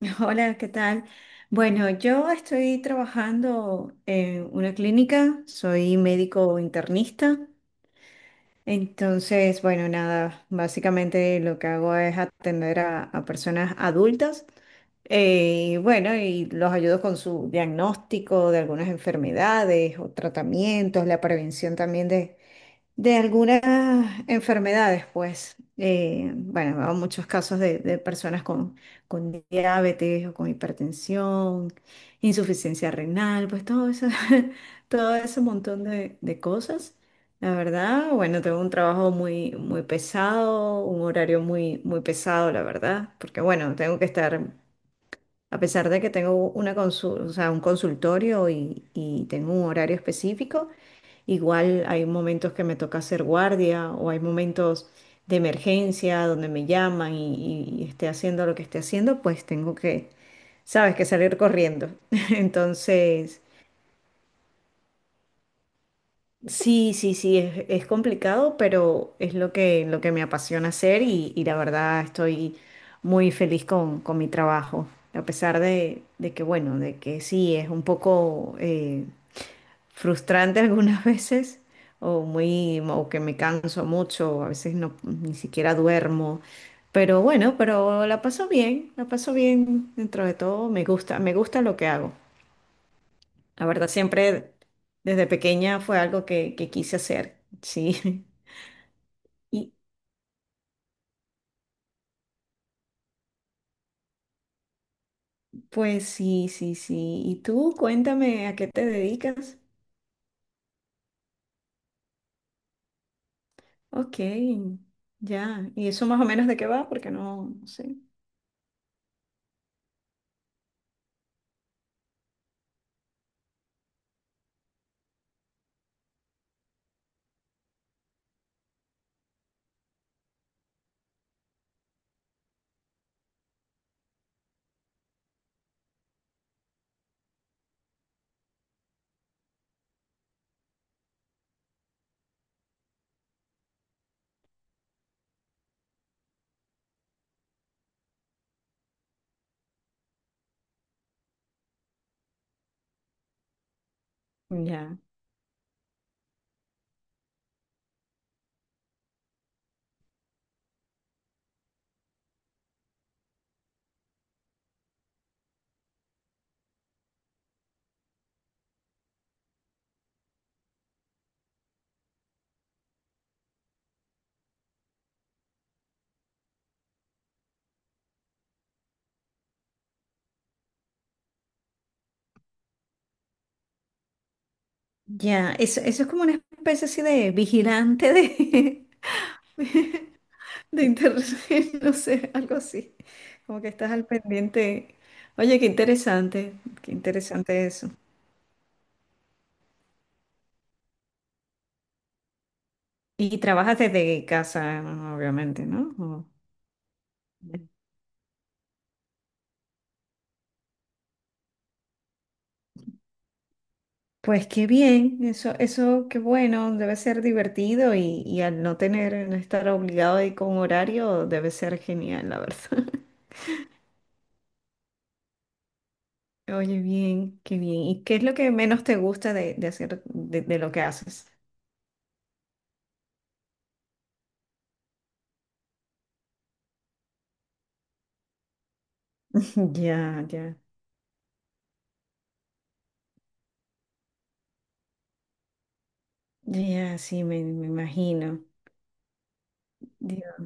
Hola, ¿qué tal? Bueno, yo estoy trabajando en una clínica, soy médico internista, entonces, bueno, nada, básicamente lo que hago es atender a personas adultas, y bueno, y los ayudo con su diagnóstico de algunas enfermedades o tratamientos, la prevención también de algunas enfermedades, pues, bueno, hay muchos casos de personas con diabetes o con hipertensión, insuficiencia renal, pues todo eso, todo ese montón de cosas. La verdad, bueno, tengo un trabajo muy, muy pesado, un horario muy, muy pesado, la verdad, porque bueno, tengo que estar a pesar de que tengo una o sea, un consultorio y tengo un horario específico, igual hay momentos que me toca hacer guardia o hay momentos de emergencia donde me llaman y esté haciendo lo que esté haciendo, pues tengo que, sabes, que salir corriendo. Entonces, sí, sí, sí, es complicado, pero es lo que me apasiona hacer y la verdad estoy muy feliz con mi trabajo, a pesar de que, bueno, de que sí, es un poco frustrante algunas veces o, muy, o que me canso mucho, a veces no, ni siquiera duermo, pero bueno, pero la paso bien dentro de todo, me gusta lo que hago. La verdad, siempre desde pequeña fue algo que quise hacer, sí. Y pues sí, sí, sí. Y tú, cuéntame a qué te dedicas. Ok, ya. ¿Y eso más o menos de qué va? Porque no, no sé. Ya. Ya, eso es como una especie así de vigilante de, de internet, no sé, algo así. Como que estás al pendiente. Oye, qué interesante eso. Y trabajas desde casa, obviamente, ¿no? O- Pues qué bien, eso qué bueno, debe ser divertido y al no tener, no estar obligado a ir con horario, debe ser genial, la verdad. Oye, bien, qué bien. ¿Y qué es lo que menos te gusta de hacer, de lo que haces? Ya, ya, ya, sí, me imagino. Dios.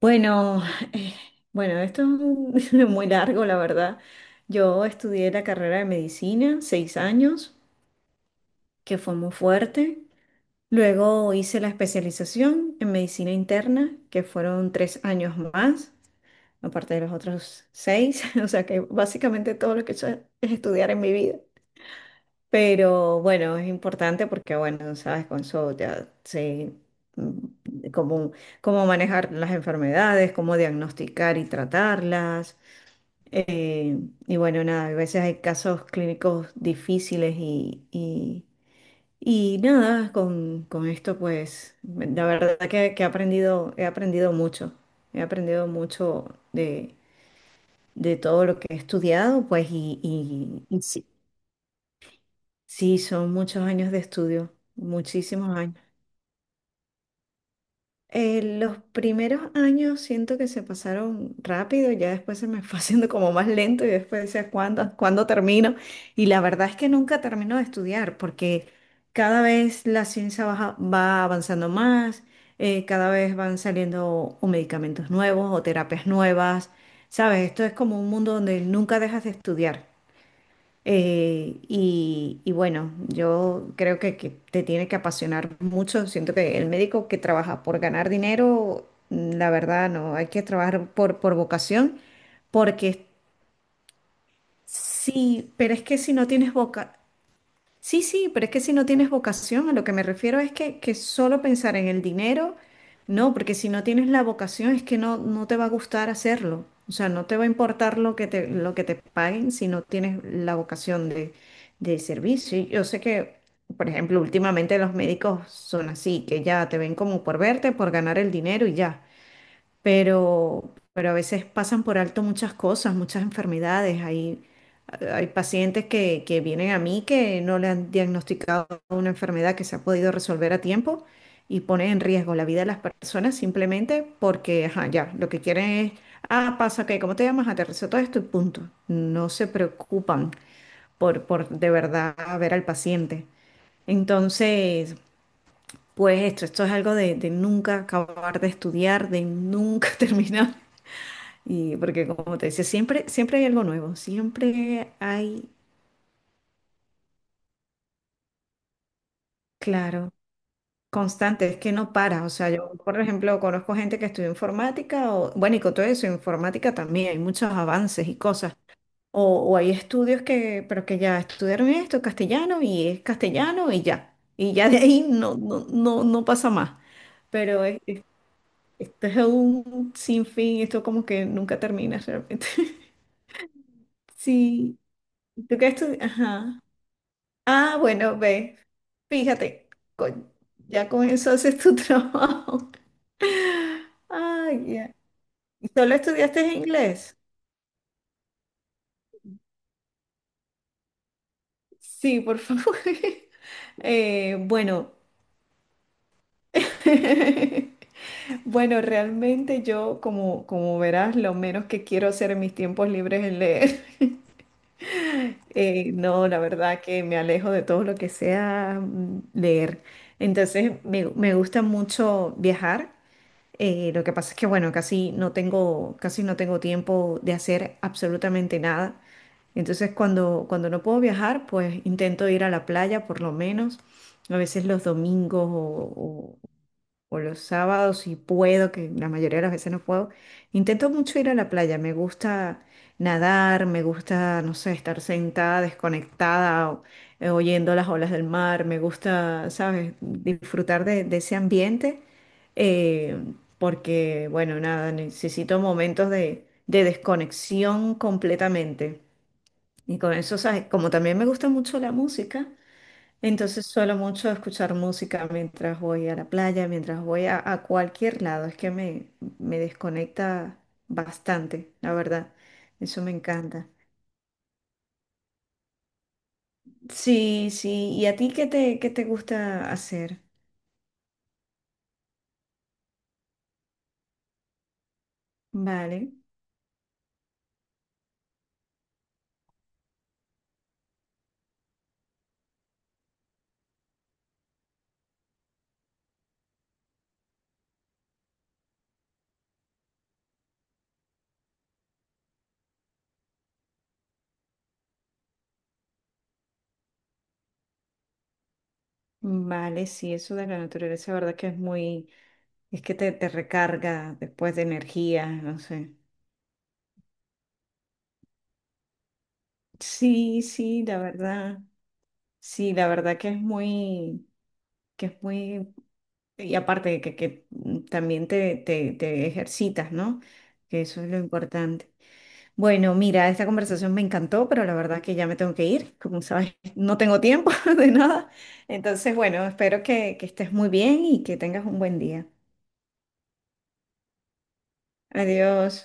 Bueno, eh, bueno, muy largo, la verdad. Yo estudié la carrera de medicina, 6 años, que fue muy fuerte. Luego hice la especialización en medicina interna, que fueron 3 años más, aparte de los otros 6. O sea que básicamente todo lo que he hecho es estudiar en mi vida. Pero bueno, es importante porque, bueno, sabes, con eso ya sé cómo, cómo manejar las enfermedades, cómo diagnosticar y tratarlas. Eh, y bueno, nada, a veces hay casos clínicos difíciles y nada, con esto pues, la verdad que he aprendido mucho de, de todo lo que he estudiado, pues, y sí, sí, son muchos años de estudio, muchísimos años. Los primeros años siento que se pasaron rápido, ya después se me fue haciendo como más lento y después decía, ¿cuándo, cuándo termino? Y la verdad es que nunca termino de estudiar porque cada vez la ciencia va avanzando más, cada vez van saliendo o medicamentos nuevos o terapias nuevas, ¿sabes? Esto es como un mundo donde nunca dejas de estudiar. Y bueno, yo creo que te tiene que apasionar mucho. Siento que el médico que trabaja por ganar dinero, la verdad, no, hay que trabajar por vocación, porque sí, pero es que si no tienes vocación, sí, sí, pero es que si no tienes vocación, a lo que me refiero es que solo pensar en el dinero, no, porque si no tienes la vocación es que no, no te va a gustar hacerlo. O sea, no te va a importar lo que te paguen si no tienes la vocación de servicio. Y yo sé que, por ejemplo, últimamente los médicos son así, que ya te ven como por verte, por ganar el dinero y ya, pero a veces pasan por alto muchas cosas, muchas enfermedades. Hay pacientes que vienen a mí que no le han diagnosticado una enfermedad que se ha podido resolver a tiempo y pone en riesgo la vida de las personas simplemente porque, ajá, ya, lo que quieren es, ah, pasa que, ¿cómo te llamas? Aterrizo todo esto y punto. No se preocupan por de verdad ver al paciente. Entonces, pues esto es algo de nunca acabar de estudiar, de nunca terminar y porque como te decía, siempre, siempre hay algo nuevo, siempre hay, claro, constante, es que no para. O sea, yo, por ejemplo, conozco gente que estudió informática, o, bueno, y con todo eso, informática también, hay muchos avances y cosas. O, o hay estudios que, pero que ya estudiaron esto, castellano, y es castellano, y ya. Y ya de ahí no, no, no, no pasa más. Pero es- es- Esto es un sinfín, esto como que nunca termina realmente. Sí, ¿tú qué estudias? Ajá. Ah, bueno, ve, fíjate, con- ya con eso haces tu trabajo. Ay, ya. ¿Y ¿Solo estudiaste inglés? Sí, por favor. Bueno, bueno, realmente yo, como, como verás, lo menos que quiero hacer en mis tiempos libres es leer. No, la verdad que me alejo de todo lo que sea leer. Entonces, me gusta mucho viajar. Lo que pasa es que, bueno, casi no tengo tiempo de hacer absolutamente nada. Entonces, cuando no puedo viajar, pues intento ir a la playa por lo menos, a veces los domingos o los sábados si puedo, que la mayoría de las veces no puedo, intento mucho ir a la playa, me gusta nadar, me gusta, no sé, estar sentada, desconectada, oyendo las olas del mar, me gusta, ¿sabes?, disfrutar de ese ambiente, eh, porque, bueno, nada, necesito momentos de desconexión completamente. Y con eso, ¿sabes? Como también me gusta mucho la música, entonces suelo mucho escuchar música mientras voy a la playa, mientras voy a cualquier lado. Es que me desconecta bastante, la verdad. Eso me encanta. Sí, sí. ¿Y a ti qué te gusta hacer? Vale, vale, sí, eso de la naturaleza, la verdad que es muy, es que te recarga después de energía, no sé. Sí, sí, la verdad. Sí, la verdad que es muy, que es muy y aparte que también te ejercitas, ¿no? Que eso es lo importante. Bueno, mira, esta conversación me encantó, pero la verdad que ya me tengo que ir. Como sabes, no tengo tiempo de nada. Entonces, bueno, espero que estés muy bien y que tengas un buen día. Adiós.